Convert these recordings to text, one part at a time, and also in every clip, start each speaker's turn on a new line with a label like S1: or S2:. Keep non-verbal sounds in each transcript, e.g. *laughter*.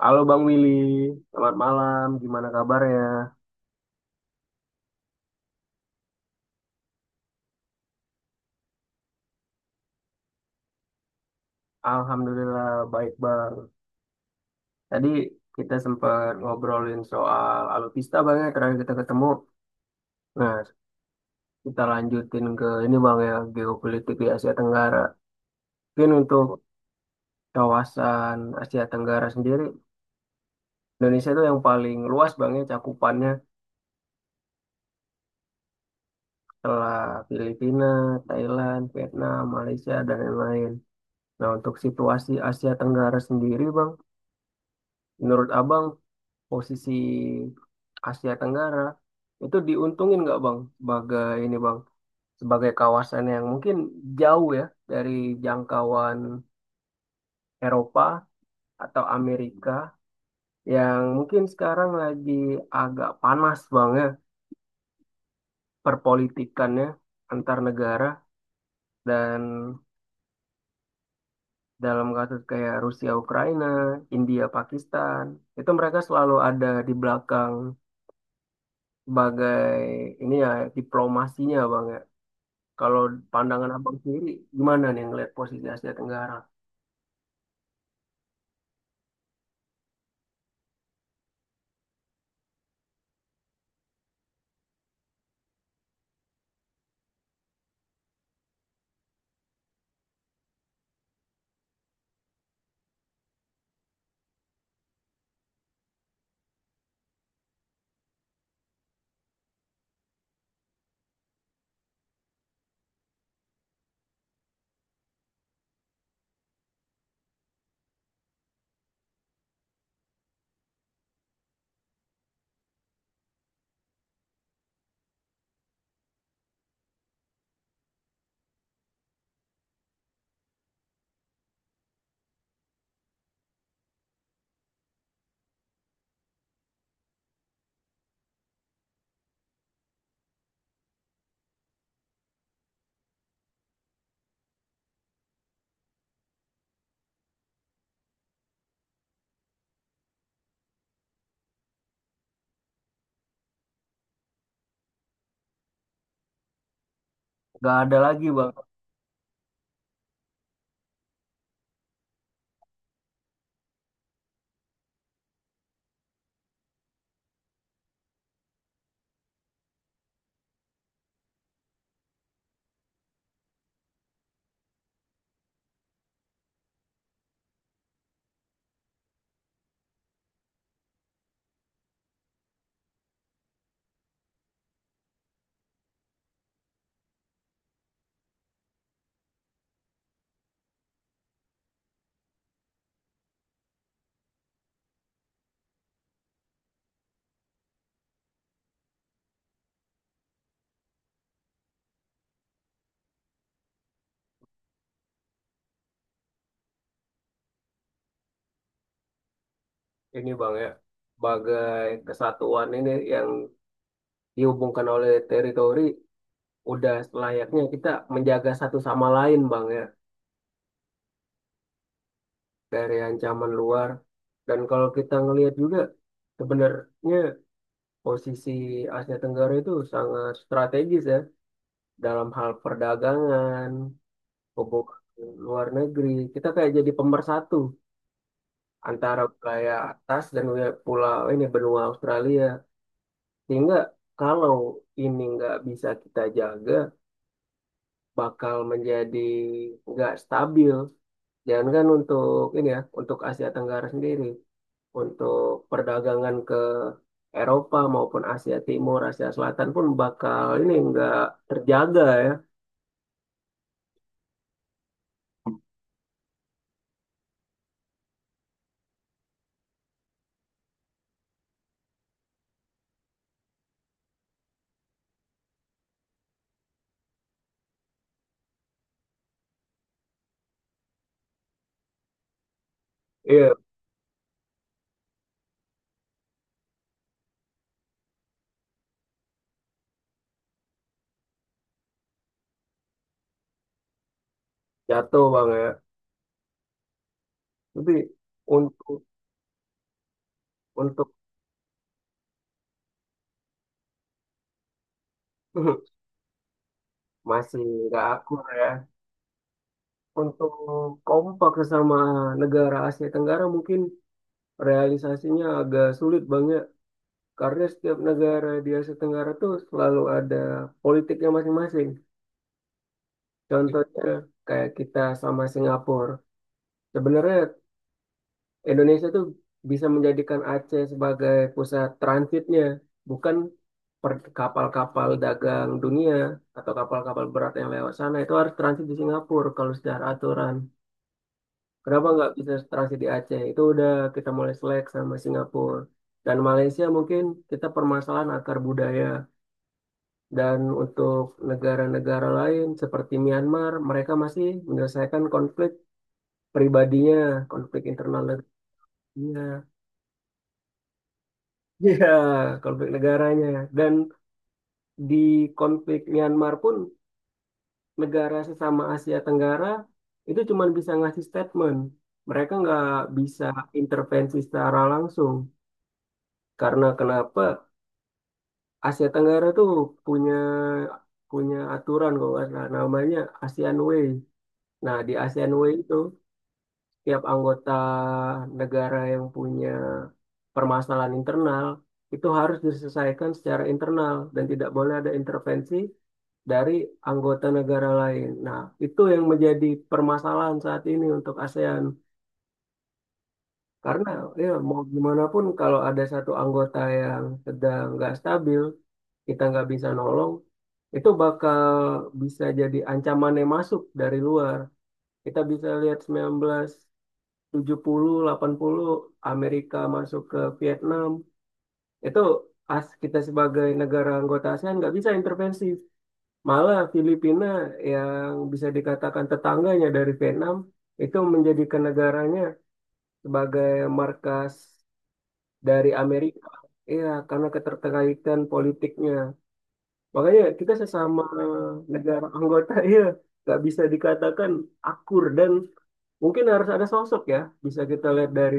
S1: Halo Bang Willy, selamat malam. Gimana kabarnya? Alhamdulillah baik Bang. Tadi kita sempat ngobrolin soal alutsista Bang ya, terakhir kita ketemu. Nah, kita lanjutin ke ini Bang ya, geopolitik di Asia Tenggara. Mungkin untuk kawasan Asia Tenggara sendiri, Indonesia itu yang paling luas Bang ya cakupannya setelah Filipina, Thailand, Vietnam, Malaysia, dan lain-lain. Nah, untuk situasi Asia Tenggara sendiri Bang, menurut Abang posisi Asia Tenggara itu diuntungin nggak Bang sebagai ini Bang sebagai kawasan yang mungkin jauh ya dari jangkauan Eropa atau Amerika yang mungkin sekarang lagi agak panas Bang ya perpolitikannya antar negara dan dalam kasus kayak Rusia Ukraina, India Pakistan itu mereka selalu ada di belakang sebagai ini ya diplomasinya Bang ya. Kalau pandangan abang sendiri, gimana nih ngelihat posisi Asia Tenggara? Gak ada lagi bang, ini bang ya, bagai kesatuan ini yang dihubungkan oleh teritori, udah selayaknya kita menjaga satu sama lain bang ya, dari ancaman luar. Dan kalau kita ngelihat juga, sebenarnya posisi Asia Tenggara itu sangat strategis ya, dalam hal perdagangan, hubungan luar negeri, kita kayak jadi pemersatu antara wilayah atas dan wilayah pulau ini benua Australia. Sehingga kalau ini nggak bisa kita jaga, bakal menjadi nggak stabil. Jangankan untuk ini ya, untuk Asia Tenggara sendiri, untuk perdagangan ke Eropa maupun Asia Timur, Asia Selatan pun bakal ini nggak terjaga ya. Iya, jatuh bang ya. Tapi untuk untuk *laughs* masih nggak akur ya. Untuk kompak sama negara Asia Tenggara mungkin realisasinya agak sulit banget karena setiap negara di Asia Tenggara tuh selalu ada politiknya masing-masing. Contohnya kayak kita sama Singapura. Sebenarnya Indonesia tuh bisa menjadikan Aceh sebagai pusat transitnya, bukan kapal-kapal dagang dunia atau kapal-kapal berat yang lewat sana itu harus transit di Singapura kalau secara aturan. Kenapa nggak bisa transit di Aceh? Itu udah kita mulai selek sama Singapura. Dan Malaysia mungkin kita permasalahan akar budaya. Dan untuk negara-negara lain seperti Myanmar, mereka masih menyelesaikan konflik pribadinya, konflik internal negaranya. *laughs* Ya, konflik negaranya. Dan di konflik Myanmar pun negara sesama Asia Tenggara itu cuma bisa ngasih statement. Mereka nggak bisa intervensi secara langsung. Karena kenapa? Asia Tenggara tuh punya punya aturan kalau nggak salah namanya ASEAN Way. Nah, di ASEAN Way itu setiap anggota negara yang punya permasalahan internal itu harus diselesaikan secara internal dan tidak boleh ada intervensi dari anggota negara lain. Nah, itu yang menjadi permasalahan saat ini untuk ASEAN. Karena ya mau gimana pun kalau ada satu anggota yang sedang nggak stabil, kita nggak bisa nolong, itu bakal bisa jadi ancaman yang masuk dari luar. Kita bisa lihat 1970, 80 Amerika masuk ke Vietnam, itu as kita sebagai negara anggota ASEAN nggak bisa intervensi. Malah Filipina yang bisa dikatakan tetangganya dari Vietnam itu menjadikan negaranya sebagai markas dari Amerika. Iya, karena keterkaitan politiknya. Makanya kita sesama negara anggota, *laughs* iya, nggak bisa dikatakan akur dan mungkin harus ada sosok ya. Bisa kita lihat dari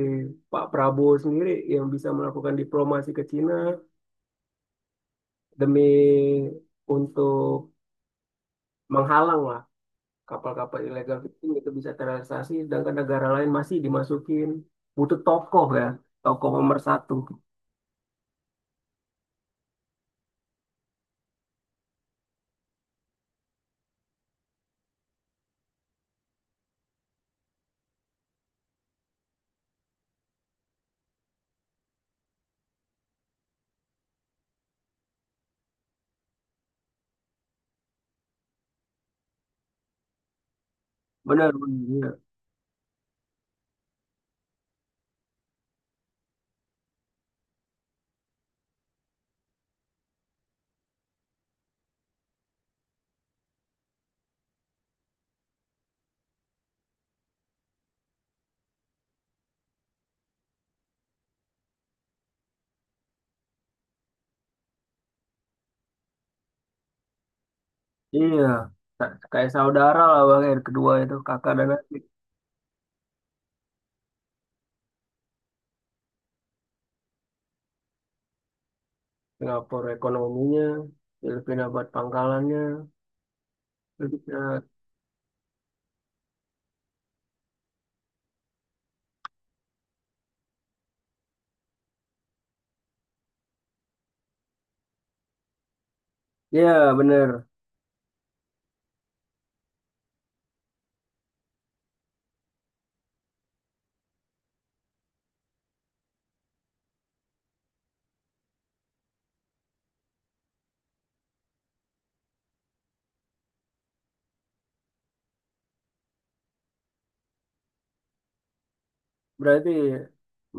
S1: Pak Prabowo sendiri yang bisa melakukan diplomasi ke Cina demi untuk menghalang lah kapal-kapal ilegal penting itu bisa terrealisasi, sedangkan negara lain masih dimasukin. Butuh tokoh ya, tokoh pemersatu. Benar, benar. Iya. Iya, kayak saudara lah bang yang kedua itu kakak dan adik. Singapura ekonominya, Filipina buat pangkalannya. Filipina, ya bener. Berarti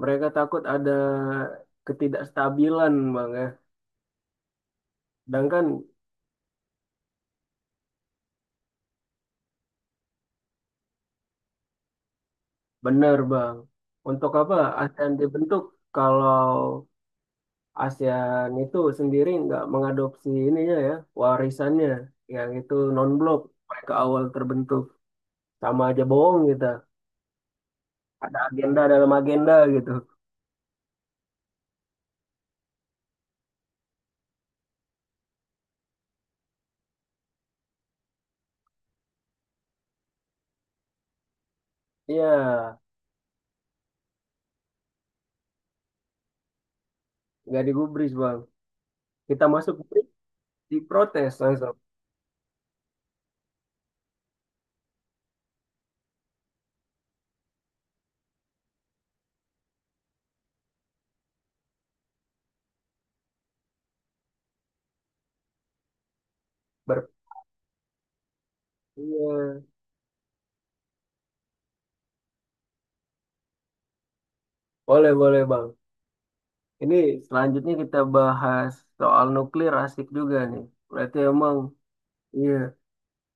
S1: mereka takut ada ketidakstabilan bang ya. Sedangkan bener bang, untuk apa ASEAN dibentuk kalau ASEAN itu sendiri nggak mengadopsi ininya ya, warisannya yang itu non-blok mereka awal terbentuk sama aja bohong kita. Ada agenda dalam agenda gitu. Iya, nggak digubris bang. Kita masuk gubris, diprotes langsung. Ber- iya, boleh boleh bang. Ini selanjutnya kita bahas soal nuklir asik juga nih. Berarti emang iya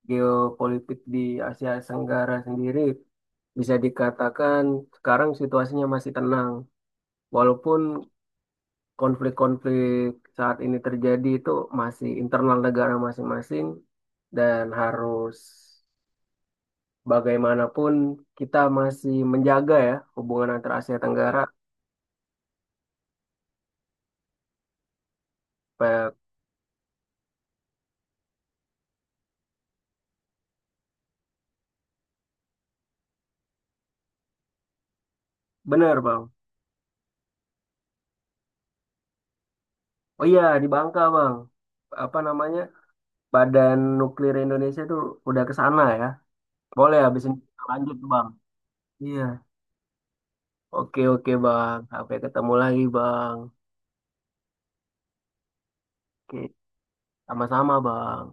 S1: geopolitik di Asia Tenggara sendiri bisa dikatakan sekarang situasinya masih tenang. Walaupun konflik-konflik saat ini terjadi itu masih internal negara masing-masing dan harus bagaimanapun kita masih menjaga ya hubungan antara Asia Tenggara. Pe- Benar, Bang. Oh iya, di Bangka, Bang. Apa namanya? Badan Nuklir Indonesia itu udah ke sana ya. Boleh habis ini kita lanjut, Bang. Iya. Oke, oke, Bang. Sampai ketemu lagi, Bang. Oke, sama-sama, Bang.